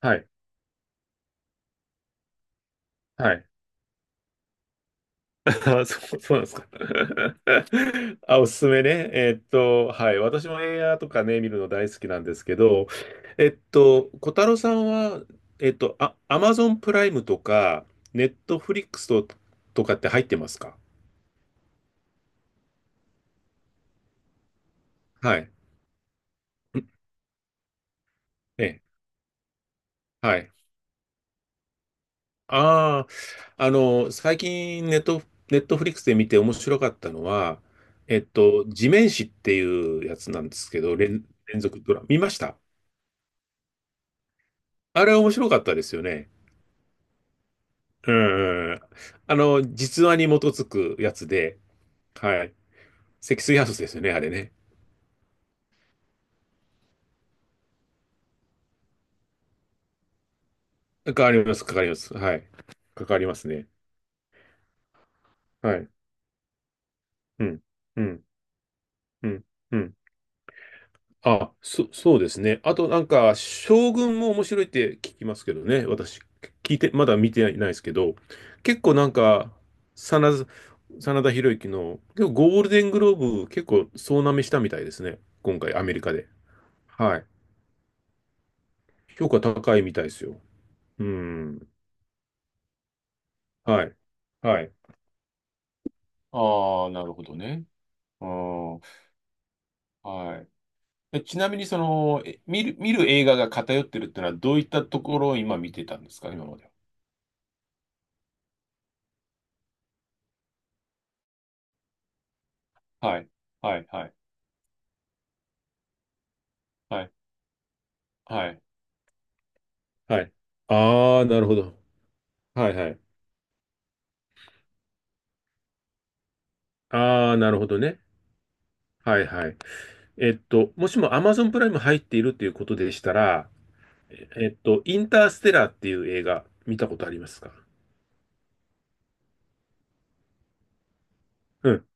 はい。はい。あ、そうなんですか。あ、おすすめね。はい。私も映画とかね、見るの大好きなんですけど、小太郎さんは、あ、アマゾンプライムとか、ネットフリックスとかって入ってますか？はい。ええ、はい。ああ、最近ネットフリックスで見て面白かったのは、地面師っていうやつなんですけど、連続ドラマ、見ました？あれは面白かったですよね。うん。実話に基づくやつで、はい。積水ハウスですよね、あれね。かかります、かかります。はい。かかりますね。はい。うん。うん。うん。うん。あ、そうですね。あとなんか、将軍も面白いって聞きますけどね。私、聞いて、まだ見てないですけど、結構なんか、真田、真田広之の、結構ゴールデングローブ結構総なめしたみたいですね。今回、アメリカで。はい。評価高いみたいですよ。うん。はい。はい。ああ、なるほどね。あーはい。ちなみに、その、え見る、見る映画が偏ってるってのは、どういったところを今見てたんですか、今までは。はい。はい、はい、はい、はい。はい。ああ、なるほど。はいはい。ああ、なるほどね。はいはい。もしも Amazon プライム入っているっていうことでしたら、インターステラーっていう映画見たことありますか？うん。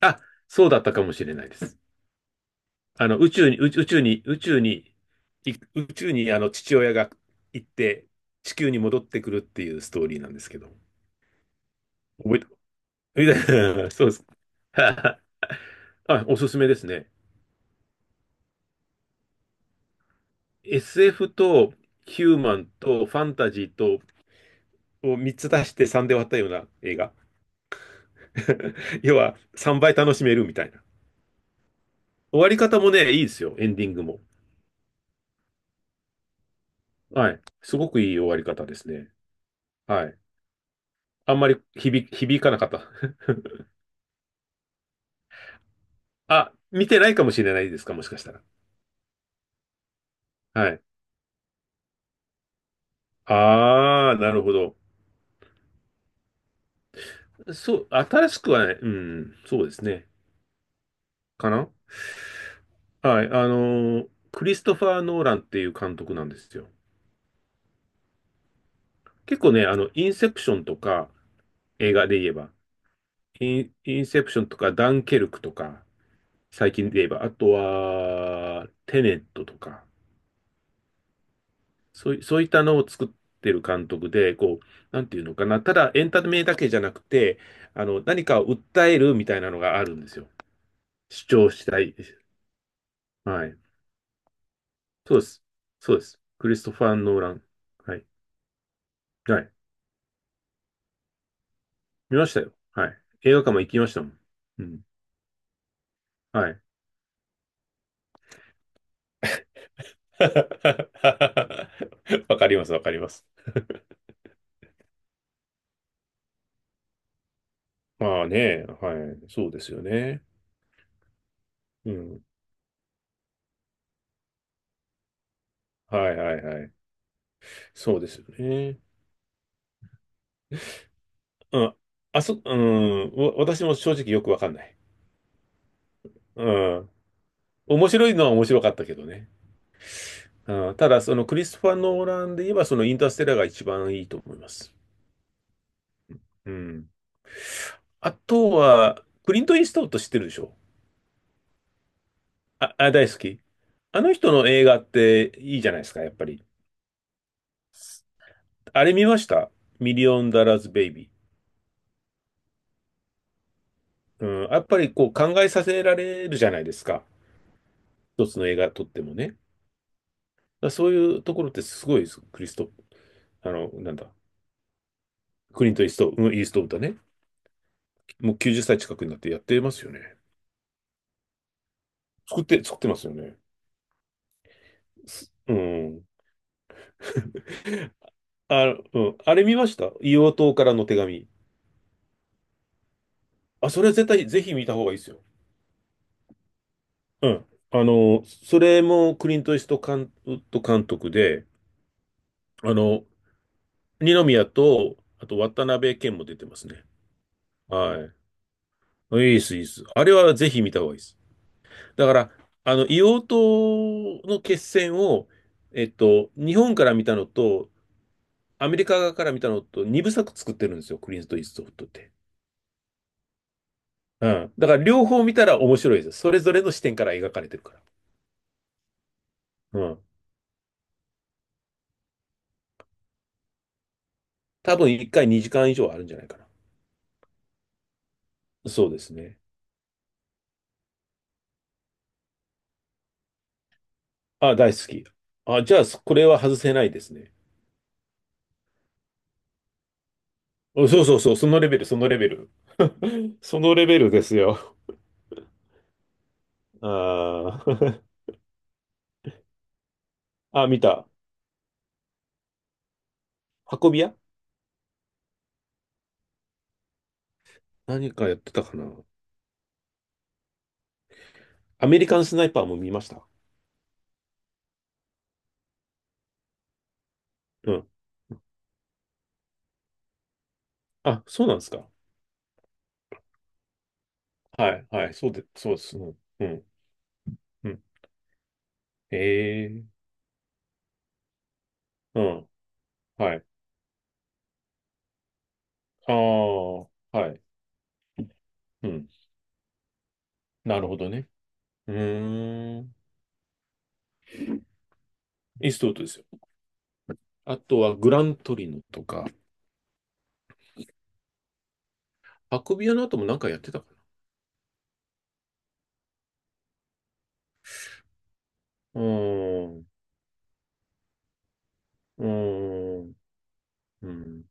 あ、そうだったかもしれないです。あの、宇宙に、宇宙宇宙に、宇宙に、宇宙にあの父親が行って、地球に戻ってくるっていうストーリーなんですけど。覚えて、覚えて そうです。あ、おすすめですね。SF とヒューマンとファンタジーとを3つ出して3で割ったような映画。要は3倍楽しめるみたいな。終わり方もね、いいですよ。エンディングも。はい。すごくいい終わり方ですね。はい。あんまり響かなかった。あ、見てないかもしれないですか、もしかしたら。はい。ああ、なるほど。そう、新しくはない。うん、そうですね。かなはい。クリストファー・ノーランっていう監督なんですよ。結構ね、インセプションとか、映画で言えば、インセプションとか、ダンケルクとか、最近で言えば、あとは、テネットとか、そういったのを作ってる監督で、こう、なんていうのかな、ただエンタメだけじゃなくて、何かを訴えるみたいなのがあるんですよ。主張したい。はい。そうです。そうです。クリストファー・ノーラン。はい。はい。見ましたよ。はい。映画館も行きましたもん。うん。はい。わかります、わかります。まあね、はい、そうですよね。うん。はいはいはい。そうですよね。うん。うん、私も正直よくわかんない。うん。面白いのは面白かったけどね。うん、ただ、そのクリストファー・ノーランで言えば、そのインターステラーが一番いいと思います。うん。あとは、クリント・イーストウッド知ってるでしょ？あ、大好き。あの人の映画っていいじゃないですか、やっぱり。あれ見ました？ミリオンダラーズ・ベイビー。うん、やっぱりこう考えさせられるじゃないですか。一つの映画撮ってもね。だからそういうところってすごいです。クリスト、あの、なんだ。クリント・イースト、うんイーストウッドね。もう90歳近くになってやってますよね。作ってますよね。すうん。あ、うん、あれ見ました？硫黄島からの手紙。あ、それは絶対、ぜひ見た方がいいですよ。うん。それもクリント・イースト監、ウッド監督で、あの、二宮と、あと渡辺謙も出てますね。はい。いいです、いいです。あれはぜひ見た方がいいです。だから、硫黄島の決戦を、日本から見たのと、アメリカ側から見たのと、二部作作ってるんですよ、クリント・イーストウッドって。うん。だから、両方見たら面白いです。それぞれの視点から描かれてるから。うん。多分、一回2時間以上あるんじゃないかな。そうですね。あ、大好き。あ、じゃあ、これは外せないですね。おそうそうそう、そのレベル、そのレベル。そのレベルですよ。あー あ、見た。運び屋何かやってたかな。アメリカンスナイパーも見ました。うん。あ、そうなんですか。はい、はい、そうです。うん、うん、うん。ええうん、はい。ああ、はい。うん。なるほどね。うーん。イーストウッドですよ。あとはグラントリノとか、運び屋の後も何かやってたかな。うーん。うーん。うん。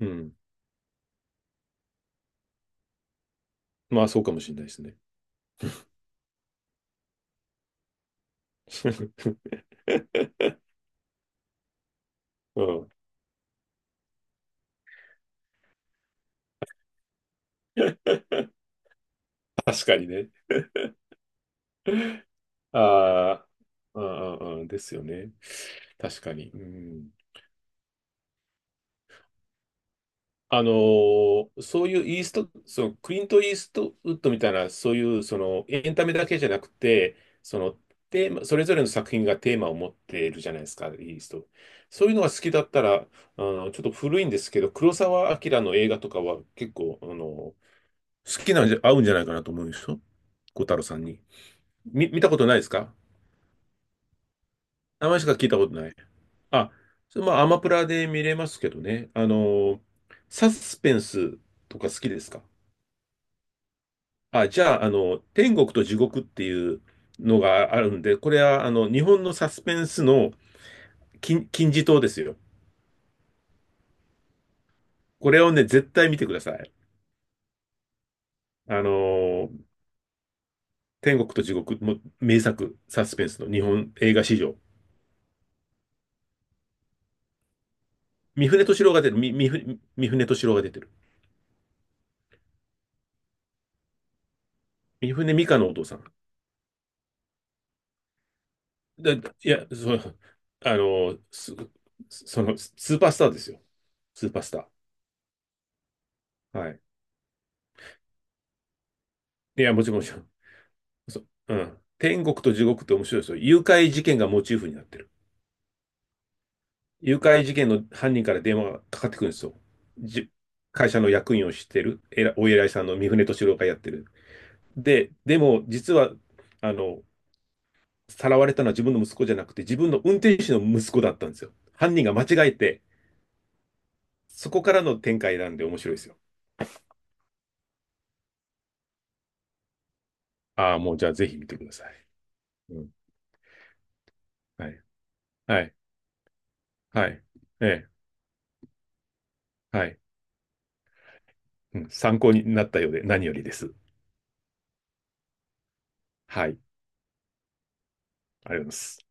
うん。まあ、そうかもしれないですね。うん。確かにね。ああ、うんうんうん。ですよね。確かに。うん。あのーそういうイースト、そのクリント・イーストウッドみたいな、そういうそのエンタメだけじゃなくて、そのテーマ、それぞれの作品がテーマを持っているじゃないですか、イースト。そういうのが好きだったら、ちょっと古いんですけど、黒澤明の映画とかは結構、好きなんじゃ、合うんじゃないかなと思うんですよ。小太郎さんに。見たことないですか？名前しか聞いたことない。あ、それまあ、アマプラで見れますけどね。サスペンスとか好きですか？あ、じゃあ、天国と地獄っていうのがあるんで、これは、日本のサスペンスの金字塔ですよ。これをね、絶対見てください。あの、天国と地獄も名作、サスペンスの日本映画史上。三船敏郎が出る、み、みふ、三船敏郎が出てる。三船美佳のお父さん。だいや、そう、あの、す、その、スーパースターですよ。スーパースター。はい。いや、もちろん、もちろん。そう、うん。天国と地獄って面白いですよ。誘拐事件がモチーフになってる。誘拐事件の犯人から電話がかかってくるんですよ。じ、会社の役員をしてる、お偉いさんの三船敏郎がやってる。でも、実は、あの、さらわれたのは自分の息子じゃなくて、自分の運転手の息子だったんですよ。犯人が間違えて、そこからの展開なんで面白いですよ。ああ、もうじゃあぜひ見てください。うん。はい。はい。はい。ええ。はい。うん。参考になったようで何よりです。はい。ありがとうございます。